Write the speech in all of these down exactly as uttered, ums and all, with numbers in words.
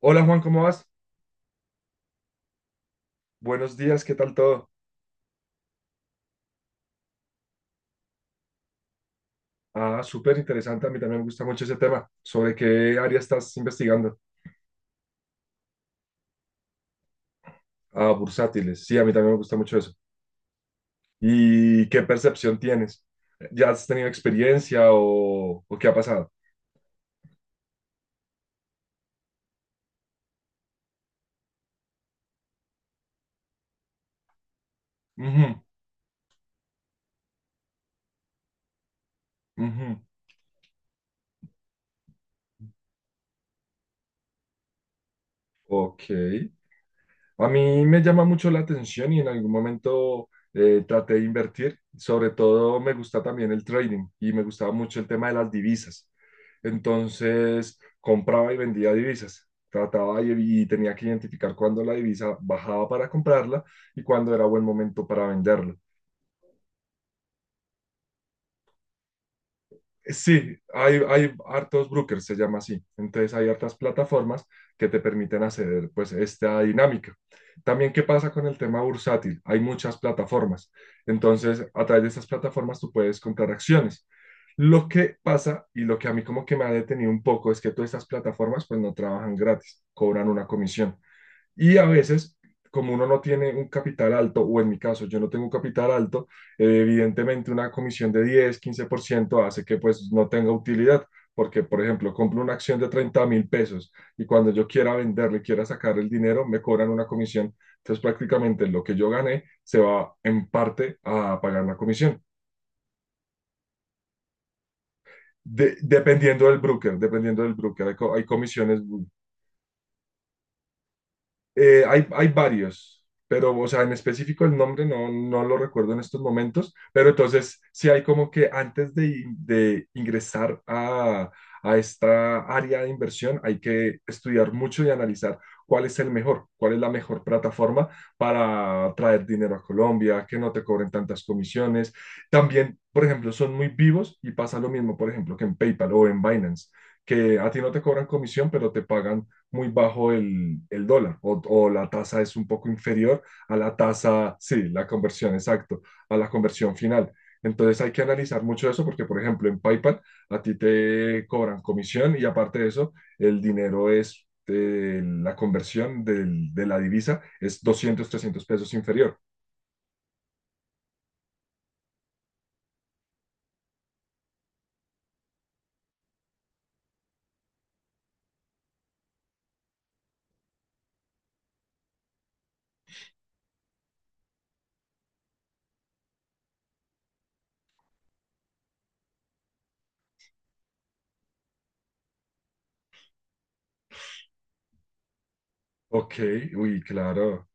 Hola Juan, ¿cómo vas? Buenos días, ¿qué tal todo? Ah, súper interesante, a mí también me gusta mucho ese tema. ¿Sobre qué área estás investigando? Ah, bursátiles, sí, a mí también me gusta mucho eso. ¿Y qué percepción tienes? ¿Ya has tenido experiencia o, o qué ha pasado? Ujú, ujú. Ok. A mí me llama mucho la atención y en algún momento eh, traté de invertir. Sobre todo me gusta también el trading y me gustaba mucho el tema de las divisas. Entonces compraba y vendía divisas. Trataba y, y tenía que identificar cuándo la divisa bajaba para comprarla y cuándo era buen momento para venderla. Sí, hay, hay hartos brokers, se llama así. Entonces hay hartas plataformas que te permiten acceder pues esta dinámica. También, ¿qué pasa con el tema bursátil? Hay muchas plataformas. Entonces, a través de estas plataformas tú puedes comprar acciones. Lo que pasa y lo que a mí como que me ha detenido un poco es que todas estas plataformas pues no trabajan gratis, cobran una comisión. Y a veces, como uno no tiene un capital alto, o en mi caso yo no tengo un capital alto, eh, evidentemente una comisión de diez quince por ciento hace que pues no tenga utilidad. Porque, por ejemplo, compro una acción de treinta mil pesos y cuando yo quiera venderle, quiera sacar el dinero, me cobran una comisión. Entonces, prácticamente lo que yo gané se va en parte a pagar la comisión. De- dependiendo del broker, dependiendo del broker, hay, co- hay comisiones. Eh, hay, hay varios, pero, o sea, en específico el nombre no, no lo recuerdo en estos momentos, pero entonces sí hay como que antes de, de ingresar a, a esta área de inversión hay que estudiar mucho y analizar cuál es el mejor, cuál es la mejor plataforma para traer dinero a Colombia, que no te cobren tantas comisiones. También, por ejemplo, son muy vivos y pasa lo mismo, por ejemplo, que en PayPal o en Binance, que a ti no te cobran comisión, pero te pagan muy bajo el, el dólar o, o, la tasa es un poco inferior a la tasa, sí, la conversión, exacto, a la conversión final. Entonces hay que analizar mucho eso porque, por ejemplo, en PayPal a ti te cobran comisión y aparte de eso, el dinero es, eh, la conversión del, de la divisa es doscientos trescientos pesos inferior. Ok, uy, claro,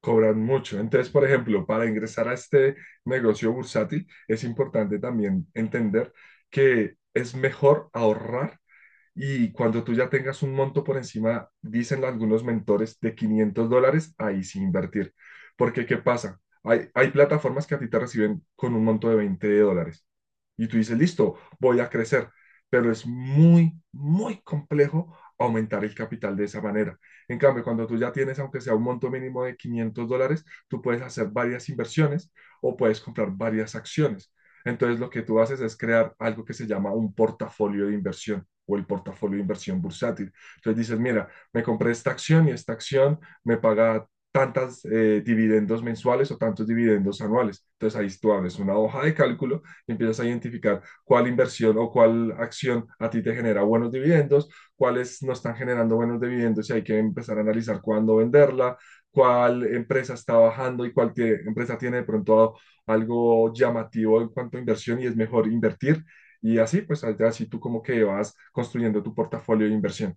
cobran mucho. Entonces, por ejemplo, para ingresar a este negocio bursátil, es importante también entender que es mejor ahorrar y cuando tú ya tengas un monto por encima, dicen algunos mentores, de quinientos dólares, ahí sí invertir. Porque, ¿qué pasa? Hay, hay plataformas que a ti te reciben con un monto de veinte dólares y tú dices, listo, voy a crecer, pero es muy, muy complejo aumentar el capital de esa manera. En cambio, cuando tú ya tienes, aunque sea un monto mínimo de quinientos dólares, tú puedes hacer varias inversiones o puedes comprar varias acciones. Entonces, lo que tú haces es crear algo que se llama un portafolio de inversión o el portafolio de inversión bursátil. Entonces dices, mira, me compré esta acción y esta acción me paga tantas eh, dividendos mensuales o tantos dividendos anuales. Entonces ahí tú abres una hoja de cálculo y empiezas a identificar cuál inversión o cuál acción a ti te genera buenos dividendos, cuáles no están generando buenos dividendos y hay que empezar a analizar cuándo venderla, cuál empresa está bajando y cuál tiene, empresa tiene de pronto algo llamativo en cuanto a inversión y es mejor invertir. Y así, pues así tú como que vas construyendo tu portafolio de inversión.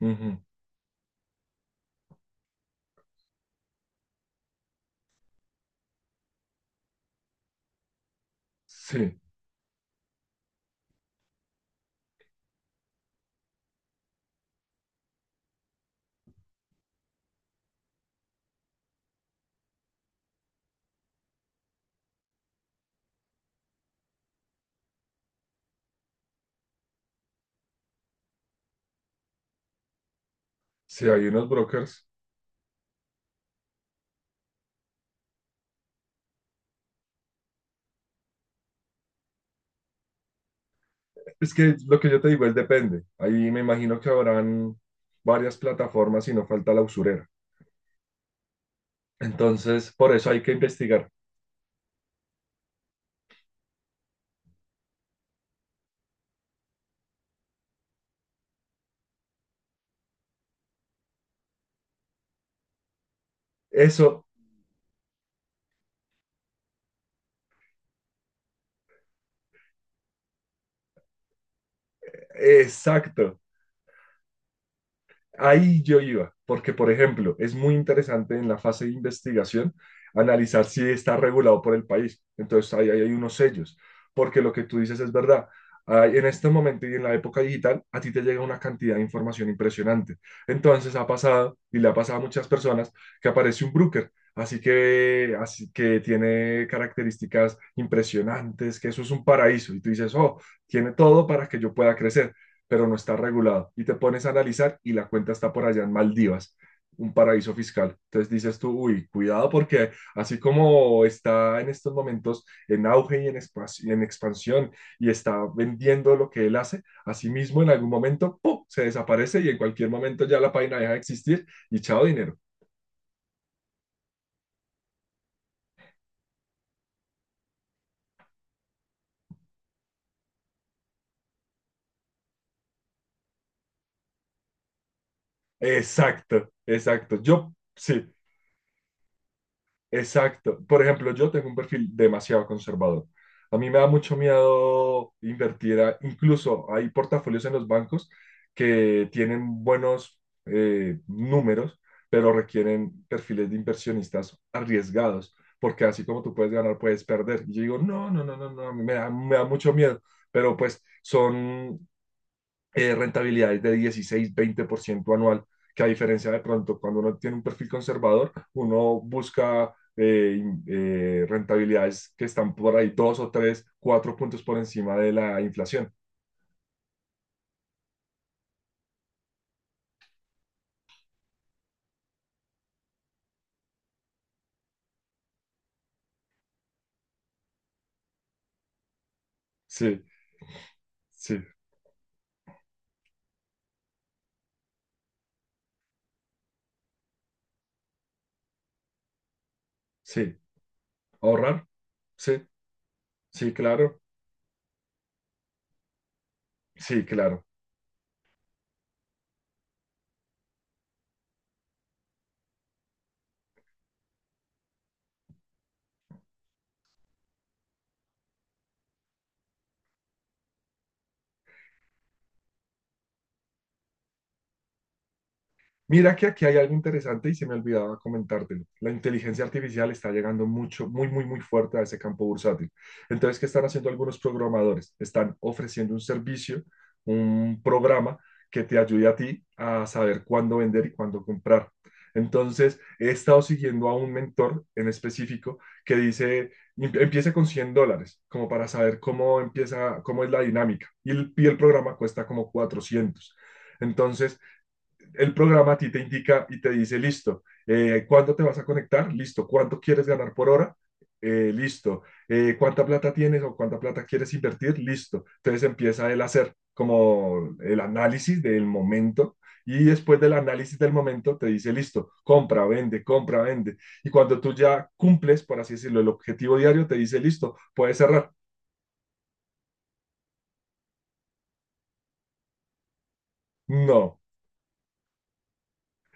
Ujú. Sí, sí, hay unos brokers. Es que lo que yo te digo es depende. Ahí me imagino que habrán varias plataformas y no falta la usurera. Entonces, por eso hay que investigar. Eso, exacto. Ahí yo iba, porque por ejemplo, es muy interesante en la fase de investigación analizar si está regulado por el país. Entonces, ahí, ahí hay unos sellos, porque lo que tú dices es verdad. Ah, en este momento y en la época digital, a ti te llega una cantidad de información impresionante. Entonces ha pasado, y le ha pasado a muchas personas, que aparece un broker, así que, así que tiene características impresionantes, que eso es un paraíso. Y tú dices, oh, tiene todo para que yo pueda crecer, pero no está regulado. Y te pones a analizar y la cuenta está por allá en Maldivas, un paraíso fiscal. Entonces dices tú, uy, cuidado porque así como está en estos momentos en auge y en, espacio, en expansión y está vendiendo lo que él hace, asimismo en algún momento ¡pum! Se desaparece y en cualquier momento ya la página deja de existir y chao dinero. Exacto, exacto. Yo sí, exacto. Por ejemplo, yo tengo un perfil demasiado conservador. A mí me da mucho miedo invertir. A- incluso hay portafolios en los bancos que tienen buenos eh, números, pero requieren perfiles de inversionistas arriesgados, porque así como tú puedes ganar, puedes perder. Y yo digo, no, no, no, no, no, a mí me da, me da mucho miedo. Pero pues son eh, rentabilidades de dieciséis, veinte por ciento anual, que a diferencia de pronto cuando uno tiene un perfil conservador, uno busca eh, eh, rentabilidades que están por ahí dos o tres, cuatro puntos por encima de la inflación. Sí, sí, sí. Ahorrar. Sí, sí, claro. Sí, claro. Mira que aquí hay algo interesante y se me olvidaba comentártelo. La inteligencia artificial está llegando mucho, muy, muy, muy fuerte a ese campo bursátil. Entonces, ¿qué están haciendo algunos programadores? Están ofreciendo un servicio, un programa que te ayude a ti a saber cuándo vender y cuándo comprar. Entonces, he estado siguiendo a un mentor en específico que dice, "Em- empiece con cien dólares, como para saber cómo empieza, cómo es la dinámica. Y el, y el programa cuesta como cuatrocientos. Entonces, el programa a ti te indica y te dice, listo, eh, ¿cuándo te vas a conectar? Listo, ¿cuánto quieres ganar por hora? Eh, listo, Eh, ¿cuánta plata tienes o cuánta plata quieres invertir? Listo. Entonces empieza el hacer como el análisis del momento y después del análisis del momento te dice, listo, compra, vende, compra, vende. Y cuando tú ya cumples, por así decirlo, el objetivo diario, te dice, listo, puedes cerrar. No,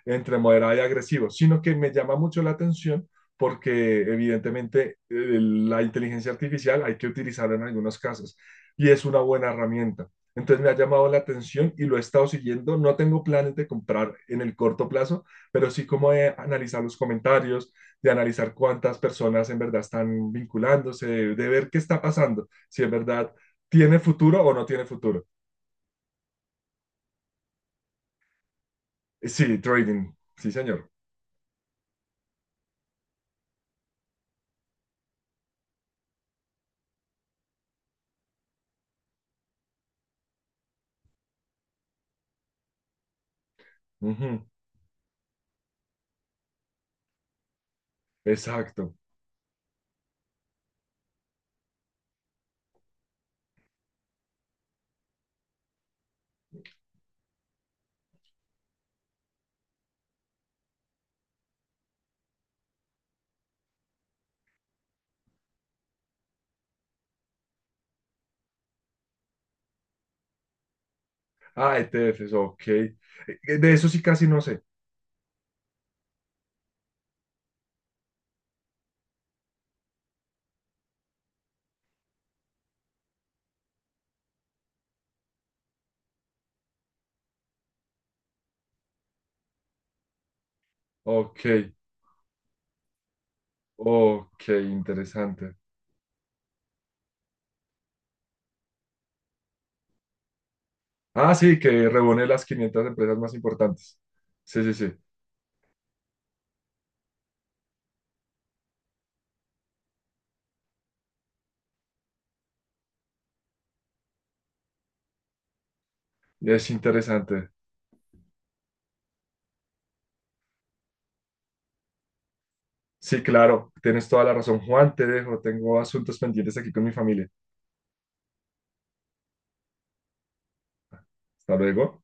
entre moderado y agresivo, sino que me llama mucho la atención porque evidentemente eh, la inteligencia artificial hay que utilizarla en algunos casos y es una buena herramienta. Entonces me ha llamado la atención y lo he estado siguiendo. No tengo planes de comprar en el corto plazo, pero sí como de analizar los comentarios, de analizar cuántas personas en verdad están vinculándose, de ver qué está pasando, si en verdad tiene futuro o no tiene futuro. Sí, trading, sí señor. Uh -huh. Exacto. Ah, E T Fs, ok. Eh, De eso sí casi no sé. Ok, ok, interesante. Ah, sí, que reúne las quinientas empresas más importantes. Sí, sí, sí. Es interesante. Sí, claro, tienes toda la razón, Juan, te dejo. Tengo asuntos pendientes aquí con mi familia. Hasta luego.